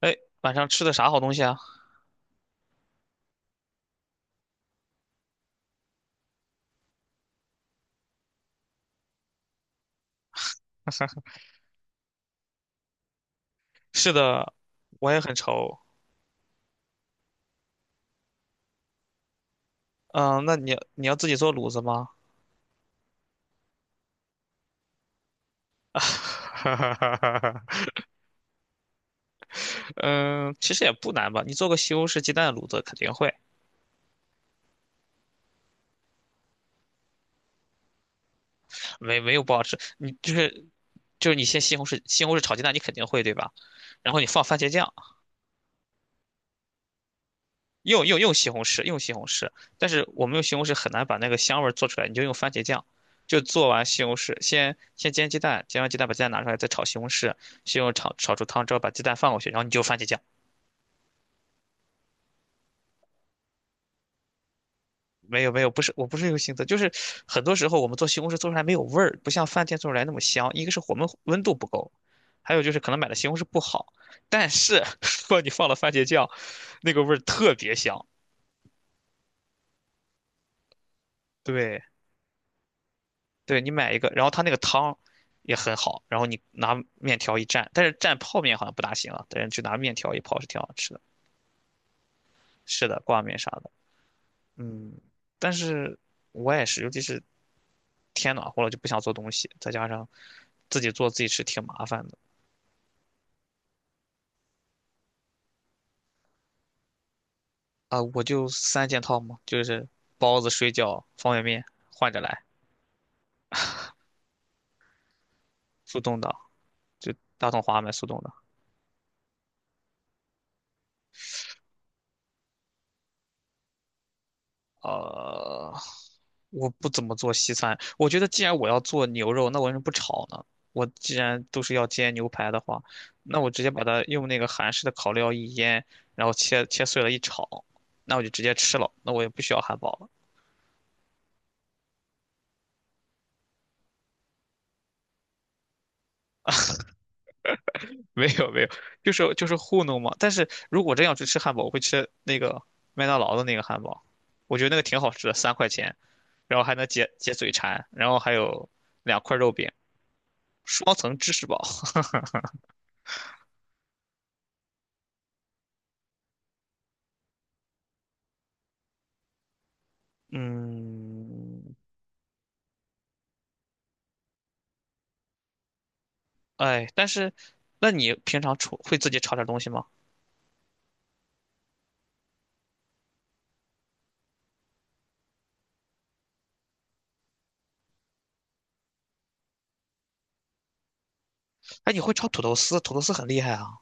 哎，晚上吃的啥好东西啊？是的，我也很愁。嗯，那你要自己做卤子吗？哈哈哈哈哈嗯，其实也不难吧，你做个西红柿鸡蛋卤子肯定会，没有不好吃。你你先西红柿炒鸡蛋，你肯定会对吧？然后你放番茄酱。用西红柿，用西红柿，但是我们用西红柿很难把那个香味儿做出来，你就用番茄酱，就做完西红柿，先煎鸡蛋，煎完鸡蛋把鸡蛋拿出来，再炒西红柿，西红柿炒出汤之后把鸡蛋放过去，然后你就番茄酱。没有没有，不是用心思，就是很多时候我们做西红柿做出来没有味儿，不像饭店做出来那么香。一个是我们温度不够，还有就是可能买的西红柿不好，但是 如果你放了番茄酱，那个味儿特别香。对，对你买一个，然后它那个汤也很好，然后你拿面条一蘸，但是蘸泡面好像不大行啊，但是就拿面条一泡是挺好吃的。是的，挂面啥的，嗯，但是我也是，尤其是天暖和了就不想做东西，再加上自己做自己吃挺麻烦的啊，我就三件套嘛，就是包子、水饺、方便面换着来，速冻的，就大统华买速冻的。呃，我不怎么做西餐。我觉得既然我要做牛肉，那我为什么不炒呢？我既然都是要煎牛排的话，那我直接把它用那个韩式的烤料一腌，然后切切碎了一炒，那我就直接吃了，那我也不需要汉堡了。没有没有，就是糊弄嘛。但是如果真要去吃汉堡，我会吃那个麦当劳的那个汉堡，我觉得那个挺好吃的，3块钱，然后还能解解嘴馋，然后还有2块肉饼，双层芝士堡。嗯，哎，但是，那你平常炒会自己炒点东西吗？哎，你会炒土豆丝，土豆丝很厉害啊。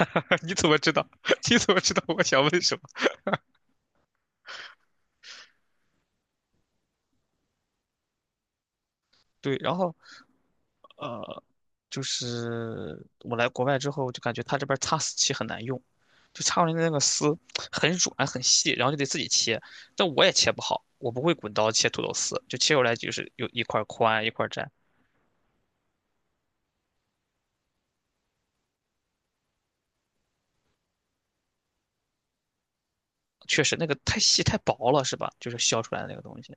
你怎么知道？你怎么知道我想问什么？对，然后呃，就是我来国外之后，就感觉他这边儿擦丝器很难用，就擦出来的那个丝很软很细，然后就得自己切，但我也切不好，我不会滚刀切土豆丝，就切出来就是有一块儿宽一块儿窄，确实那个太细太薄了，是吧？就是削出来的那个东西。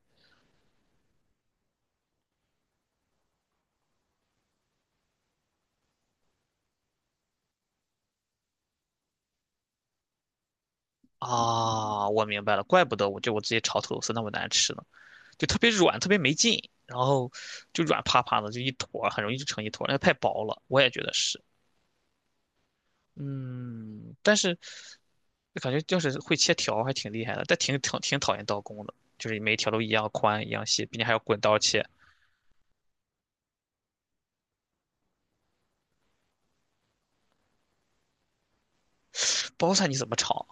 啊，我明白了，怪不得我就我直接炒土豆丝那么难吃呢，就特别软，特别没劲，然后就软趴趴的，就一坨儿很容易就成一坨儿那太薄了，我也觉得是。嗯，但是就感觉就是会切条儿还挺厉害的，但挺讨厌刀工的，就是每一条都一样宽一样细，并且还要滚刀切。包菜你怎么炒？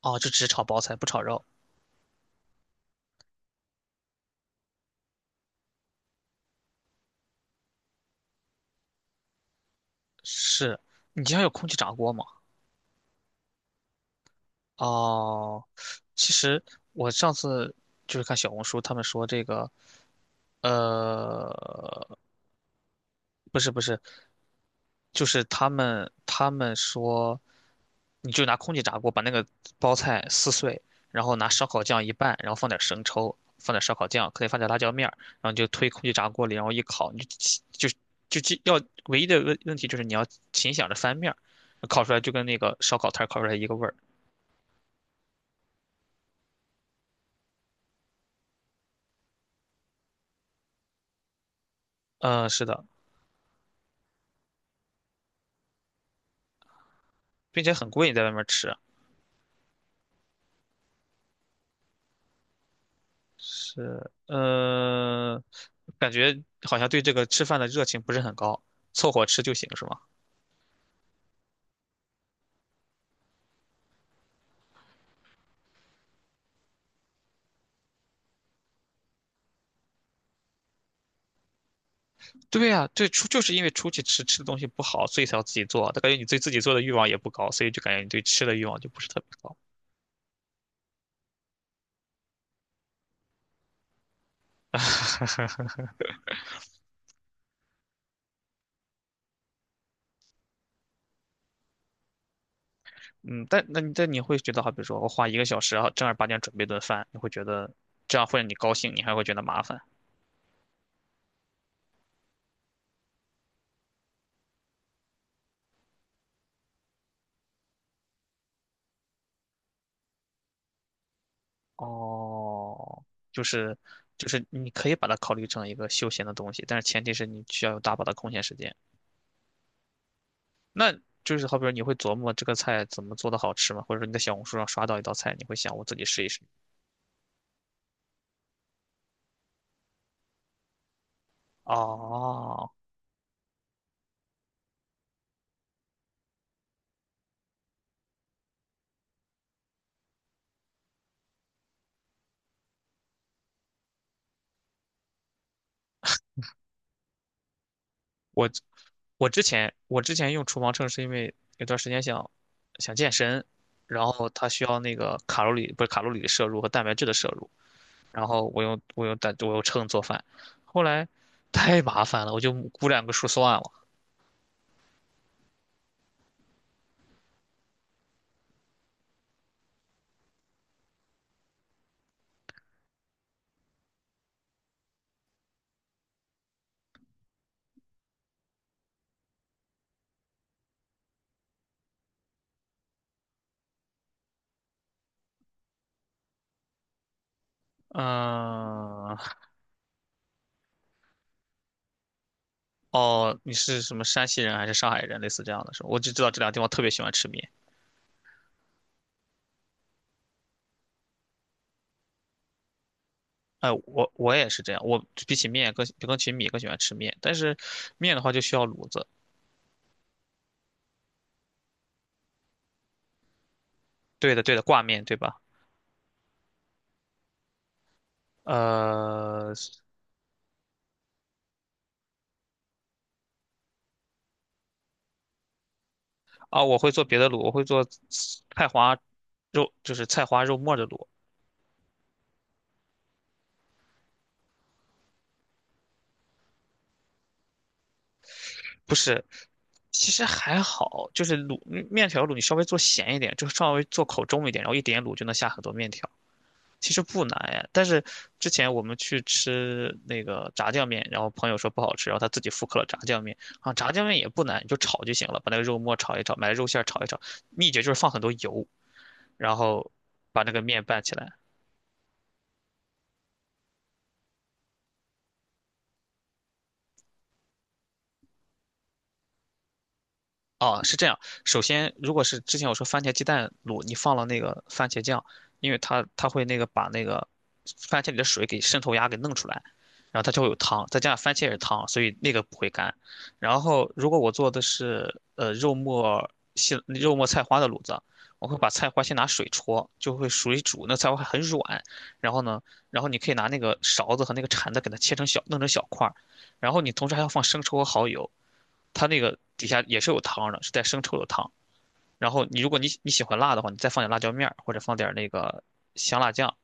哦，就只炒包菜不炒肉。是，你家有空气炸锅吗？哦，其实我上次就是看小红书，他们说这个呃，不是不是，就是他们说，你就拿空气炸锅把那个包菜撕碎，然后拿烧烤酱一拌，然后放点生抽，放点烧烤酱，可以放点辣椒面儿，然后你就推空气炸锅里，然后一烤，你就起就就记要唯一的问题就是你要勤想着翻面儿，烤出来就跟那个烧烤摊儿烤出来一个味儿。嗯、是的，并且很贵，你在外面吃。是，呃，感觉好像对这个吃饭的热情不是很高，凑合吃就行，是吗？对呀，对，出就是因为出去吃吃的东西不好，所以才要自己做。他感觉你对自己做的欲望也不高，所以就感觉你对吃的欲望就不是特别高。嗯，但那你但你会觉得，好比说我花1个小时啊，然后正儿八经准备顿饭，你会觉得这样会让你高兴，你还会觉得麻烦。哦，就是就是你可以把它考虑成一个休闲的东西，但是前提是你需要有大把的空闲时间。那就是好比说你会琢磨这个菜怎么做的好吃吗？或者说你在小红书上刷到一道菜，你会想我自己试一试。哦，我我之前用厨房秤是因为有段时间想健身，然后它需要那个卡路里不是卡路里的摄入和蛋白质的摄入，然后我用秤做饭，后来太麻烦了，我就估两个数算了。嗯，哦，你是什么山西人还是上海人？类似这样的是吧？我只知道这两个地方特别喜欢吃面。哎，我也是这样，我比起面更起米更喜欢吃面，但是面的话就需要卤子。对的，对的，挂面对吧？呃，啊，我会做别的卤，我会做菜花肉，就是菜花肉末的卤，不是，其实还好，就是卤面条卤，你稍微做咸一点，就稍微做口重一点，然后一点卤就能下很多面条。其实不难哎，但是之前我们去吃那个炸酱面，然后朋友说不好吃，然后他自己复刻了炸酱面啊，炸酱面也不难，你就炒就行了，把那个肉末炒一炒，买肉馅儿炒一炒，秘诀就是放很多油，然后把那个面拌起来，哦，是这样。首先，如果是之前我说番茄鸡蛋卤，你放了那个番茄酱，因为它会那个把番茄里的水给渗透压给弄出来，然后它就会有汤，再加上番茄也是汤，所以那个不会干。然后，如果我做的是肉末肉末菜花的卤子，我会把菜花先拿水焯，就会水煮，那菜花还很软。然后呢，然后你可以拿那个勺子和那个铲子给它切成小，弄成小块儿，然后你同时还要放生抽和蚝油，它那个底下也是有汤的，是带生抽的汤。然后你如果你你喜欢辣的话，你再放点辣椒面儿或者放点那个香辣酱，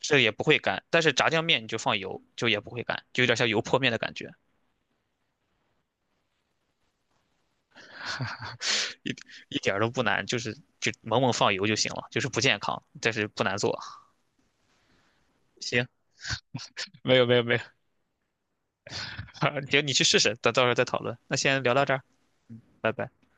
这也不会干。但是炸酱面你就放油，就也不会干，就有点像油泼面的感觉，一点儿都不难，就是就猛猛放油就行了，就是不健康，但是不难做。行，没有没有没有，行，你去试试，等到时候再讨论。那先聊到这儿，拜拜。